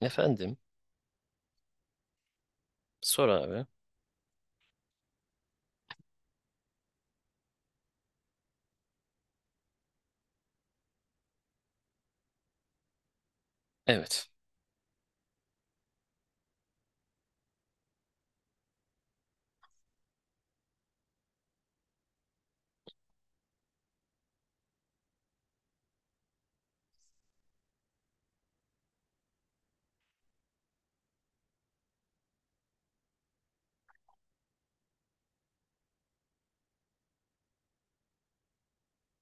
Efendim? Sor abi. Evet.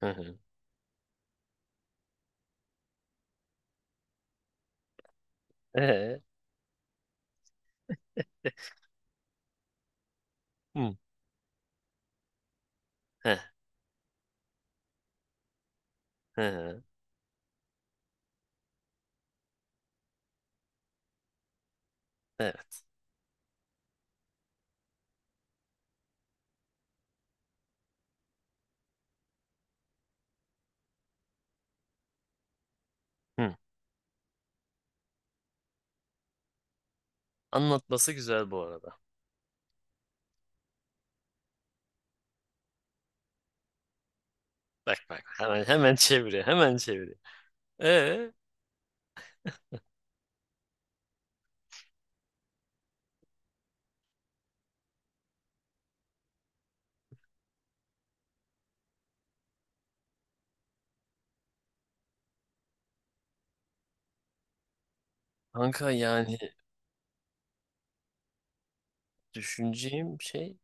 Hı hı. Ee? Hı. Heh, hı hı. Evet. Hı. Anlatması güzel bu arada. Bak bak. Hemen çeviriyor. Hemen çeviriyor. Ee? Kanka yani düşüneceğim şey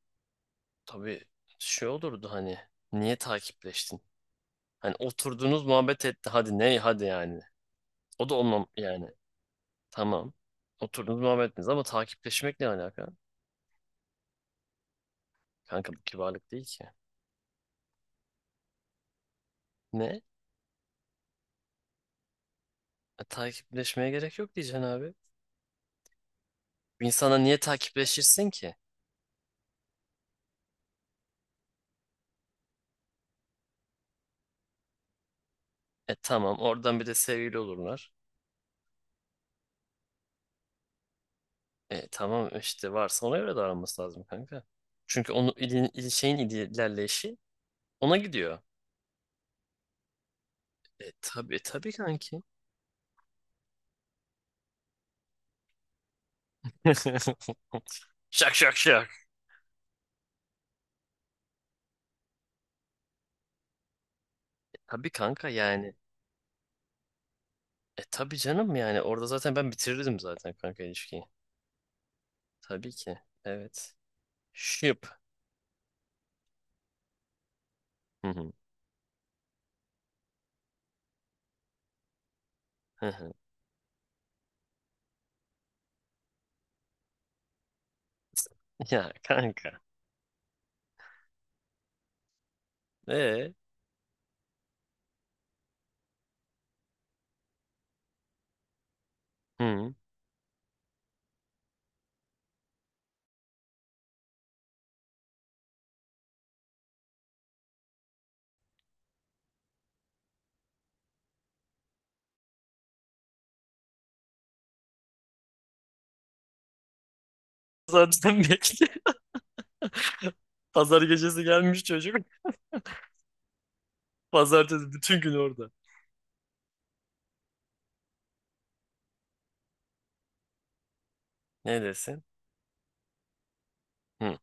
tabii şey olurdu hani. Niye takipleştin? Hani oturdunuz muhabbet etti. Hadi ne? Hadi yani. O da olmam yani. Tamam. Oturdunuz muhabbet ettiniz ama takipleşmek ne alaka? Kanka bu kibarlık değil ki. Ne? Takipleşmeye gerek yok diyeceksin abi. Bir niye takipleşirsin ki? E tamam oradan bir de sevgili olurlar. E tamam işte varsa ona göre davranması lazım kanka. Çünkü onu ilin, şeyin ilerleyişi ona gidiyor. E tabii kanki. Şak şak şak. Tabii kanka yani. E tabii canım yani orada zaten ben bitirirdim zaten kanka ilişkiyi. Tabii ki. Evet. Şıp. Hı hı, hı hı. Ya kanka. E. Hı. Zaten bekle. Pazar gecesi gelmiş çocuk. Pazartesi bütün gün orada. Ne desin? Hı,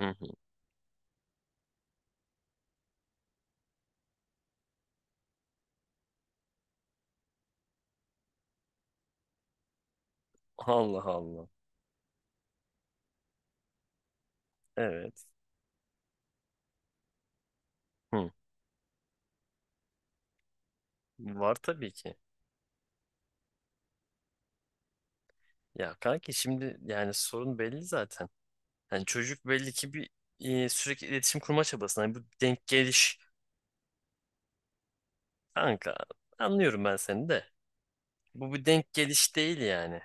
hı, hı. Allah Allah. Evet. Hı. Var tabii ki. Ya kanki şimdi yani sorun belli zaten. Yani çocuk belli ki sürekli iletişim kurma çabasında. Yani bu denk geliş kanka anlıyorum ben seni de. Bu bir denk geliş değil yani.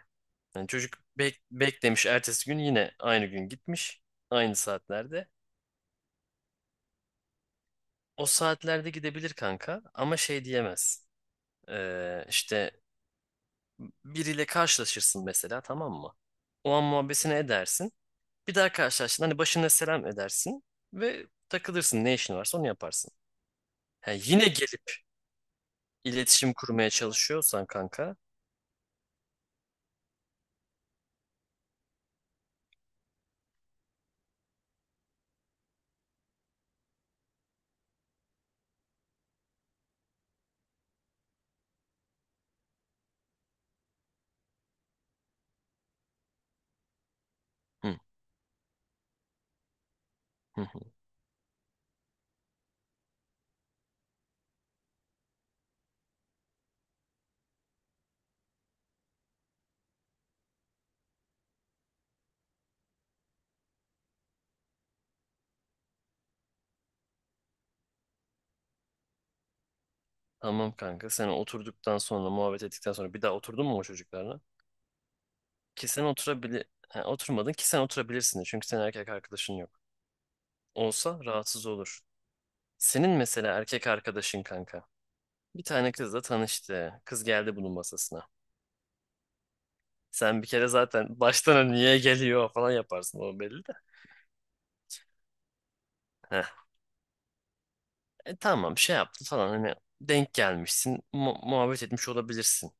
Yani çocuk beklemiş ertesi gün yine aynı gün gitmiş. Aynı saatlerde. O saatlerde gidebilir kanka ama şey diyemez. İşte biriyle karşılaşırsın mesela tamam mı? O an muhabbesini edersin. Bir daha karşılaştın hani başına selam edersin ve takılırsın ne işin varsa onu yaparsın. Ha, yine gelip iletişim kurmaya çalışıyorsan kanka hı, hı, hı. Tamam kanka sen oturduktan sonra muhabbet ettikten sonra bir daha oturdun mu o çocuklarla? Ki sen oturabili ha, oturmadın ki sen oturabilirsin de çünkü senin erkek arkadaşın yok. Olsa rahatsız olur. Senin mesela erkek arkadaşın kanka. Bir tane kızla tanıştı. Kız geldi bunun masasına. Sen bir kere zaten baştan hani niye geliyor falan yaparsın o belli de. Heh. Tamam şey yaptı falan hani denk gelmişsin muhabbet etmiş olabilirsin.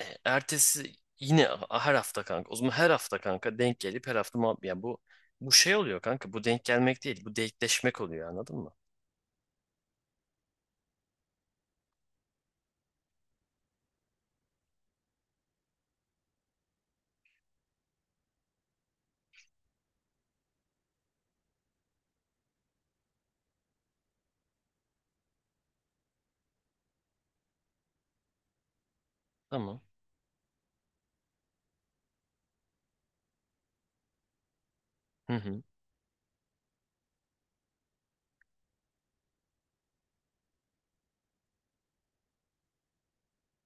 Ertesi yine her hafta kanka o zaman her hafta kanka denk gelip her hafta muhabbet ya bu şey oluyor kanka bu denk gelmek değil bu denkleşmek oluyor anladın mı? Tamam. Hı hı.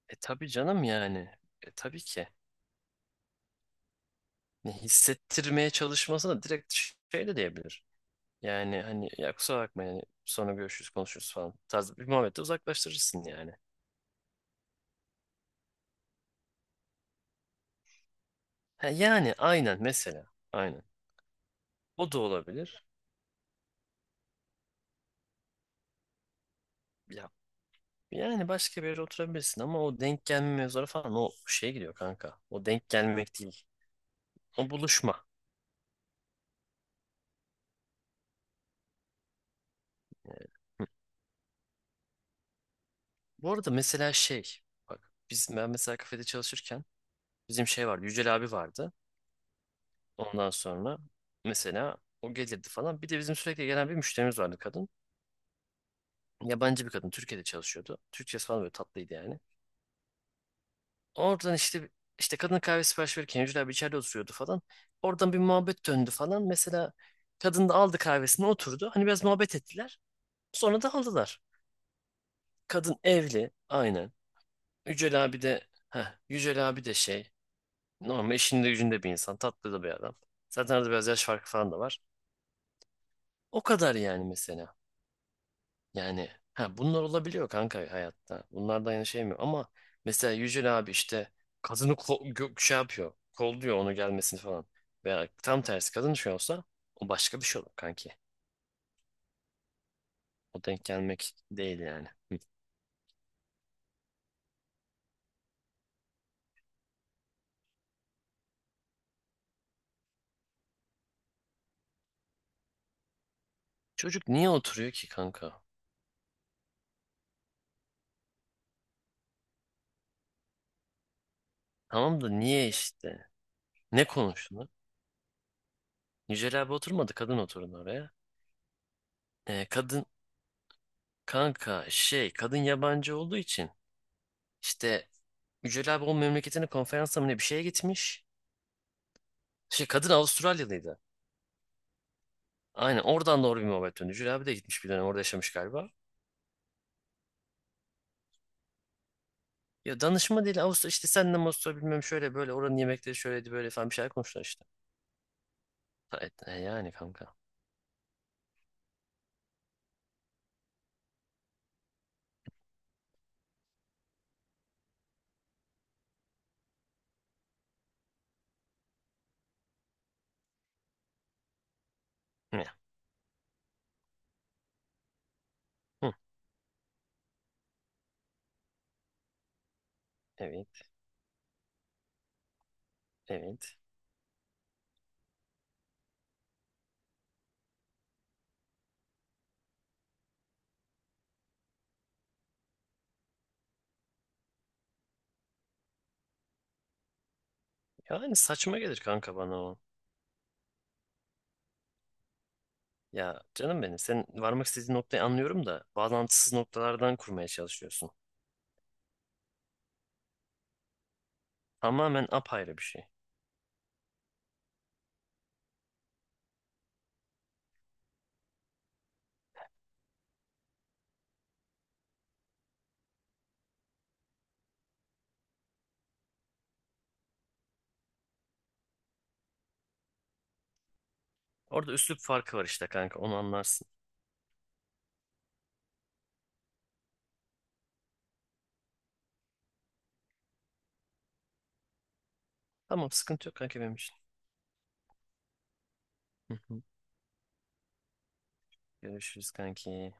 E tabii canım yani. E tabii ki. Ne hissettirmeye çalışmasına direkt şey de diyebilir. Yani hani ya kusura bakma yani sonra görüşürüz konuşuruz falan tarzı bir muhabbette uzaklaştırırsın yani. Ha, yani aynen mesela aynen. O da olabilir. Ya, yani başka bir yere oturabilirsin ama o denk gelme mevzuları falan o şeye gidiyor kanka. O denk gelmek değil. O buluşma. Yani, hı. Bu arada mesela şey bak ben mesela kafede çalışırken bizim şey vardı Yücel abi vardı. Ondan sonra mesela o gelirdi falan. Bir de bizim sürekli gelen bir müşterimiz vardı kadın. Yabancı bir kadın Türkiye'de çalışıyordu. Türkçesi falan böyle tatlıydı yani. Oradan işte kadın kahve sipariş verirken Yücel abi içeride oturuyordu falan. Oradan bir muhabbet döndü falan. Mesela kadın da aldı kahvesini oturdu. Hani biraz muhabbet ettiler. Sonra da aldılar. Kadın evli aynen. Yücel abi de heh, Yücel abi de şey normal işinde gücünde bir insan. Tatlı da bir adam. Zaten arada biraz yaş farkı falan da var. O kadar yani mesela. Yani ha bunlar olabiliyor kanka hayatta. Bunlardan yana şey mi? Ama mesela Yücel abi işte kadını şey yapıyor. Kolluyor onu gelmesini falan. Veya tam tersi kadın şey olsa o başka bir şey olur kanki. O denk gelmek değil yani. Hı. Çocuk niye oturuyor ki kanka? Tamam da niye işte? Ne konuştular? Yücel abi oturmadı kadın oturdu oraya. Kadın Kanka şey kadın yabancı olduğu için işte Yücel abi o memleketine konferansa mı ne bir şeye gitmiş. Şey kadın Avustralyalıydı. Aynen oradan doğru bir muhabbet döndü. Jüri abi de gitmiş bir dönem orada yaşamış galiba. Ya danışma değil Avustra işte senden Avustra bilmem şöyle böyle oranın yemekleri şöyleydi böyle falan bir şeyler konuştular işte. Ha, yani kanka. Ne? Hı, evet evet. Yani saçma gelir kanka bana o. Ya canım benim sen varmak istediğin noktayı anlıyorum da bağlantısız noktalardan kurmaya çalışıyorsun. Tamamen apayrı bir şey. Orada üslup farkı var işte kanka onu anlarsın. Tamam sıkıntı yok kanka benim için. Hı hı. Görüşürüz kanki.